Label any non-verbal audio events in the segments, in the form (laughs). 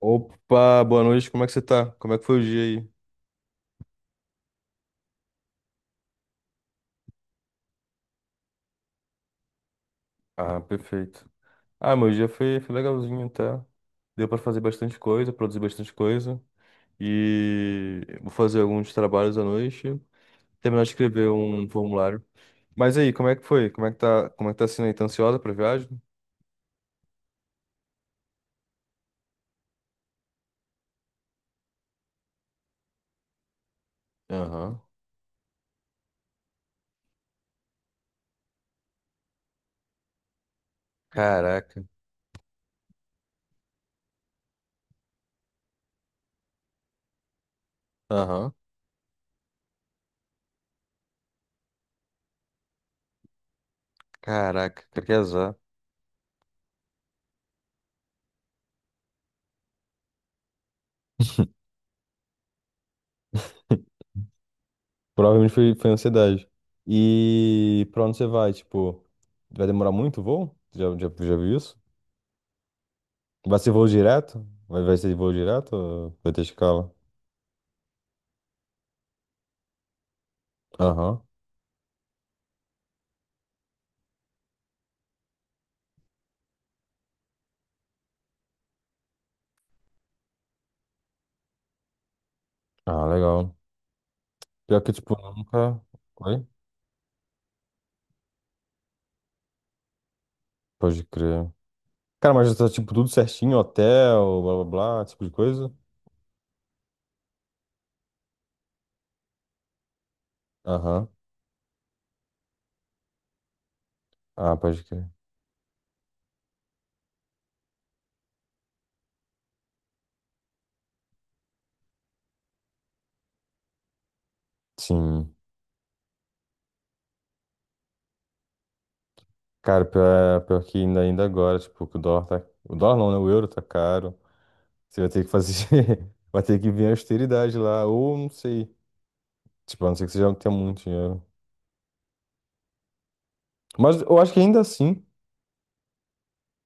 Opa, boa noite, como é que você tá? Como é que foi o dia aí? Ah, perfeito. Ah, meu dia foi legalzinho até. Deu pra fazer bastante coisa, produzir bastante coisa. E vou fazer alguns trabalhos à noite, terminar de escrever um formulário. Mas aí, como é que foi? Como é que tá sendo aí? Tá ansiosa pra viagem? Aham. Caraca. Aham. Caraca, cara, que azar. Provavelmente foi ansiedade. E pra onde você vai? Tipo, vai demorar muito o voo? Já viu isso? Vai ser voo direto? Vai ser voo direto? Ou vai ter escala? Aham. Ah, legal. Pior que, tipo, eu nunca. Oi? Pode crer. Cara, mas já tá, tipo, tudo certinho, hotel, blá blá blá, esse tipo de coisa? Aham. Ah, pode crer. Sim. Cara, pior que ainda agora, tipo, que o dólar tá. O dólar não, né? O euro tá caro. Você vai ter que fazer. (laughs) Vai ter que vir a austeridade lá, ou não sei. Tipo, a não ser que você já não tenha muito dinheiro. Mas eu acho que ainda assim.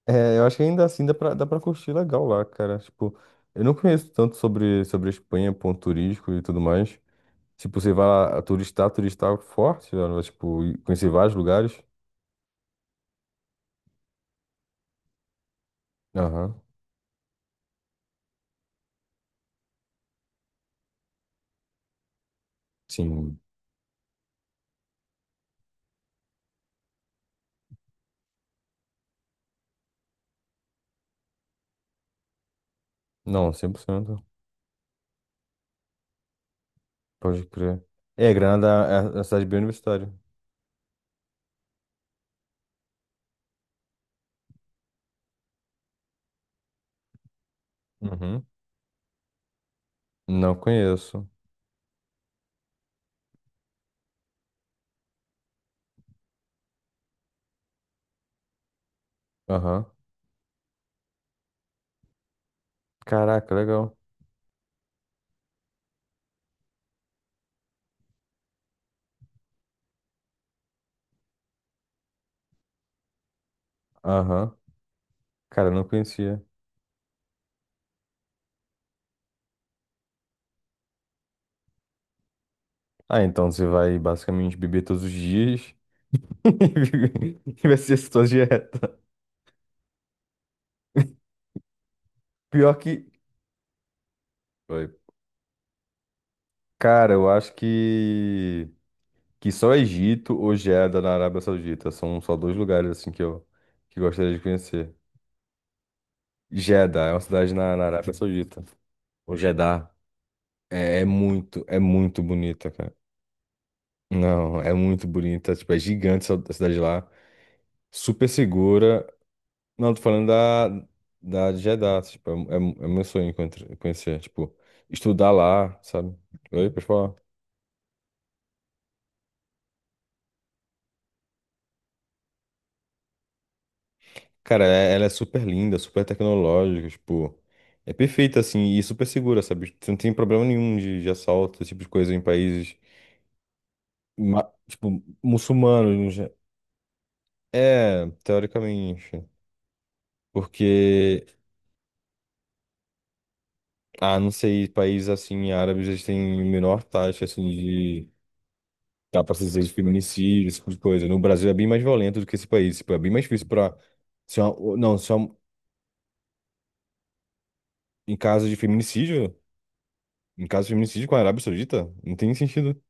É, eu acho que ainda assim dá pra curtir legal lá, cara. Tipo, eu não conheço tanto sobre a Espanha, ponto turístico e tudo mais. Tipo, você vai lá turistar, turistar é forte, né? Tipo, e conhecer vários lugares. Aham, sim. Não, 100%. Pode crer. É, Granada é uma cidade bem universitária. Uhum. Não conheço. Aham. Caraca, legal. Aham. Cara, eu não conhecia. Ah, então você vai basicamente beber todos os dias (laughs) e vai ser sua dieta. Pior que. Oi. Cara, eu acho que só Egito ou Jeddah na Arábia Saudita. São só dois lugares assim que gostaria de conhecer. Jeddah é uma cidade na Arábia Saudita. O Jeddah é muito bonita, cara. Não, é muito bonita. Tipo, é gigante essa cidade lá. Super segura. Não, tô falando da, da de Jeddah. Tipo, é meu sonho conhecer. Conhecer, tipo, estudar lá, sabe? Oi, pessoal. Cara, ela é super linda, super tecnológica, tipo, é perfeita assim e super segura, sabe? Você não tem problema nenhum de assalto, esse tipo de coisa em países, tipo, muçulmanos. No ge- É, teoricamente. Porque, ah, não sei, países assim, árabes, eles têm menor taxa assim de, dá pra se dizer, de feminicídio, esse tipo de coisa. No Brasil é bem mais violento do que esse país, tipo, é bem mais difícil pra. Se uma, não, se em caso de feminicídio, em caso de feminicídio com a Arábia Saudita, não tem sentido.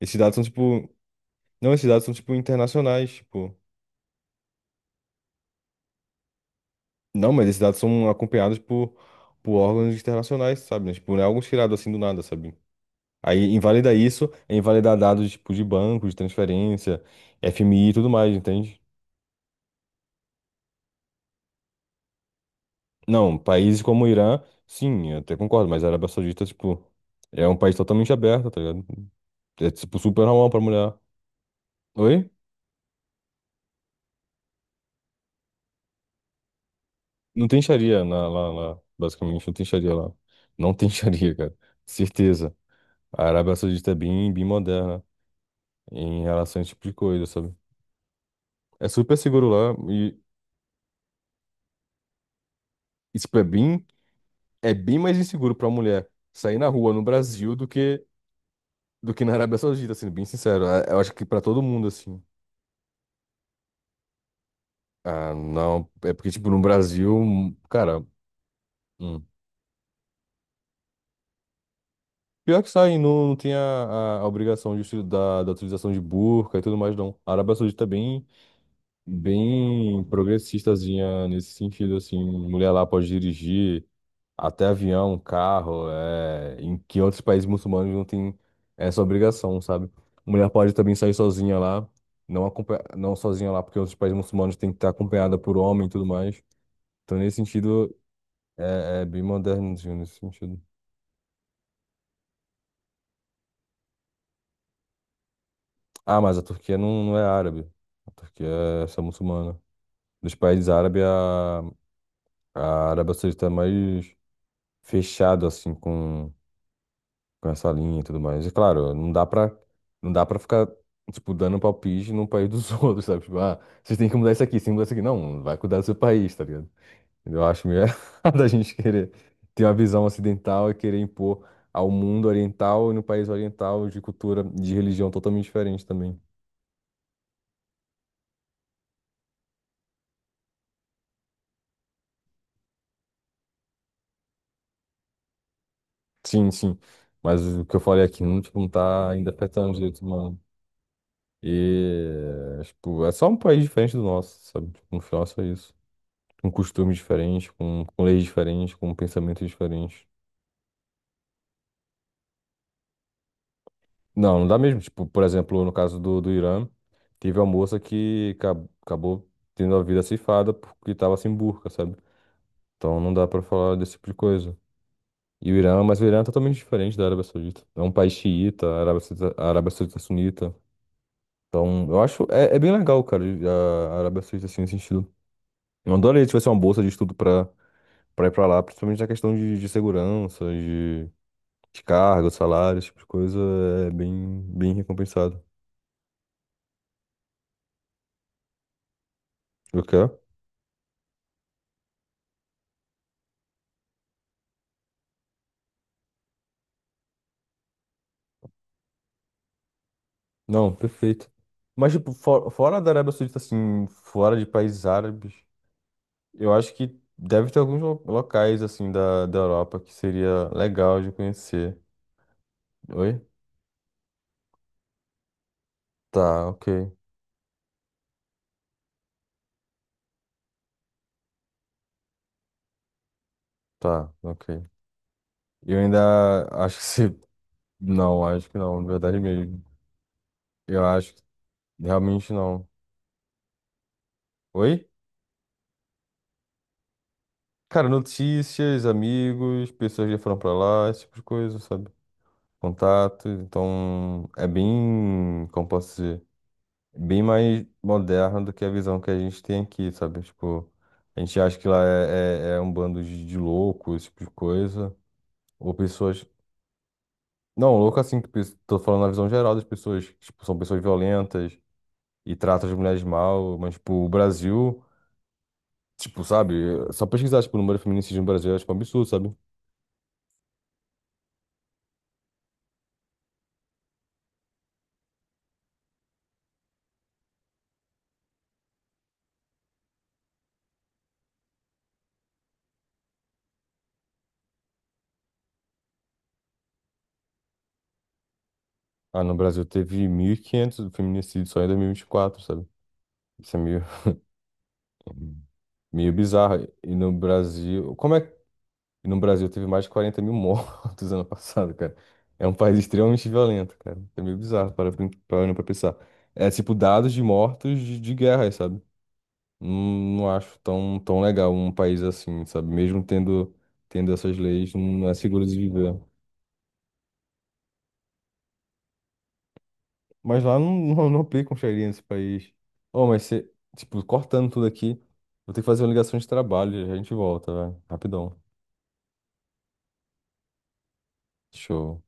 Esses dados são, tipo. Não, esses dados são, tipo, internacionais, tipo. Não, mas esses dados são acompanhados por órgãos internacionais, sabe? Né? Tipo, não é algo tirado assim do nada, sabe? Aí invalida isso, é invalidar dados, tipo, de banco, de transferência, FMI e tudo mais, entende? Não, países como o Irã, sim, eu até concordo, mas a Arábia Saudita, tipo, é um país totalmente aberto, tá ligado? É, tipo, super normal pra mulher. Oi? Não tem xaria lá, basicamente, não tem xaria lá. Não tem (laughs) xaria, cara. Certeza. A Arábia Saudita é bem moderna em relação a esse tipo de coisa, sabe? É super seguro lá e isso é bem mais inseguro pra mulher sair na rua no Brasil do que na Arábia Saudita, sendo bem sincero. Eu acho que pra todo mundo assim. Ah, não, é porque tipo no Brasil, cara, hum. Pior que sair não, não tem a obrigação da utilização de burca e tudo mais, não. A Arábia Saudita é bem progressistazinha nesse sentido, assim. Mulher lá pode dirigir. Até avião, carro, é, em que outros países muçulmanos não tem essa obrigação, sabe? Mulher pode também sair sozinha lá, não, não sozinha lá, porque outros países muçulmanos tem que estar acompanhada por homem e tudo mais. Então, nesse sentido, é bem moderno assim, nesse sentido. Ah, mas a Turquia não, não é árabe. A Turquia é só muçulmana. Dos países árabes, a Arábia Saudita é mais fechado, assim, com essa linha e tudo mais. É claro, não dá pra ficar, tipo, dando palpite num país dos (laughs) outros, sabe? Tipo, ah, vocês têm que mudar isso aqui, vocês têm que mudar isso aqui. Não, vai cuidar do seu país, tá ligado? Eu acho meio (laughs) errado a gente querer ter uma visão ocidental e querer impor ao mundo oriental e no país oriental de cultura, de religião totalmente diferente também. Sim, sim. Mas o que eu falei aqui não, tipo, não tá ainda afetando os direitos humanos. E, tipo, é só um país diferente do nosso, sabe? Tipo, no final é só isso. Com costumes diferentes, com leis diferentes, com pensamentos diferentes. Não, não dá mesmo. Tipo, por exemplo, no caso do Irã, teve uma moça que acabou tendo a vida ceifada porque estava sem burca, sabe? Então não dá pra falar desse tipo de coisa. Mas o Irã é totalmente diferente da Arábia Saudita. É um país xiita, a Arábia Saudita é sunita. Então, eu acho, é bem legal, cara, a Arábia Saudita, assim, nesse sentido. Eu adoraria se tivesse uma bolsa de estudo pra ir pra lá, principalmente na questão de segurança, de cargo, salário, esse tipo de coisa é bem recompensado. O quê? Não, perfeito. Mas, tipo, fora da Arábia Saudita, assim, fora de países árabes, eu acho que deve ter alguns locais, assim, da Europa que seria legal de conhecer. Oi? Tá, ok. Tá, ok. Eu ainda acho que se. (laughs) Não, acho que não, na verdade mesmo. Eu acho que realmente não. Oi? Cara, notícias, amigos, pessoas que foram pra lá, esse tipo de coisa, sabe, contato, então é bem, como posso dizer, bem mais moderna do que a visão que a gente tem aqui, sabe? Tipo, a gente acha que lá é um bando de loucos, esse tipo de coisa, ou pessoas. Não, louco assim, que tô falando na visão geral das pessoas, que, tipo, são pessoas violentas e tratam as mulheres mal, mas, tipo, o Brasil, tipo, sabe? Só pesquisar, tipo, o número de feminicídios no Brasil é, tipo, um absurdo, sabe? Ah, no Brasil teve 1.500 feminicídios só em 2024, sabe? Isso é meio Meio bizarro. E no Brasil. Como é que. E no Brasil teve mais de 40 mil mortos (laughs) ano passado, cara. É um país extremamente violento, cara. É meio bizarro parando pra pensar. É tipo dados de mortos de guerra, sabe? Não, não acho tão, tão legal um país assim, sabe? Mesmo tendo essas leis, não é seguro de viver. Mas lá não, (laughs) não, não aplicam xaria nesse país. Oh, mas você. Tipo, cortando tudo aqui, vou ter que fazer uma ligação de trabalho, já a gente volta, velho. Rapidão. Show.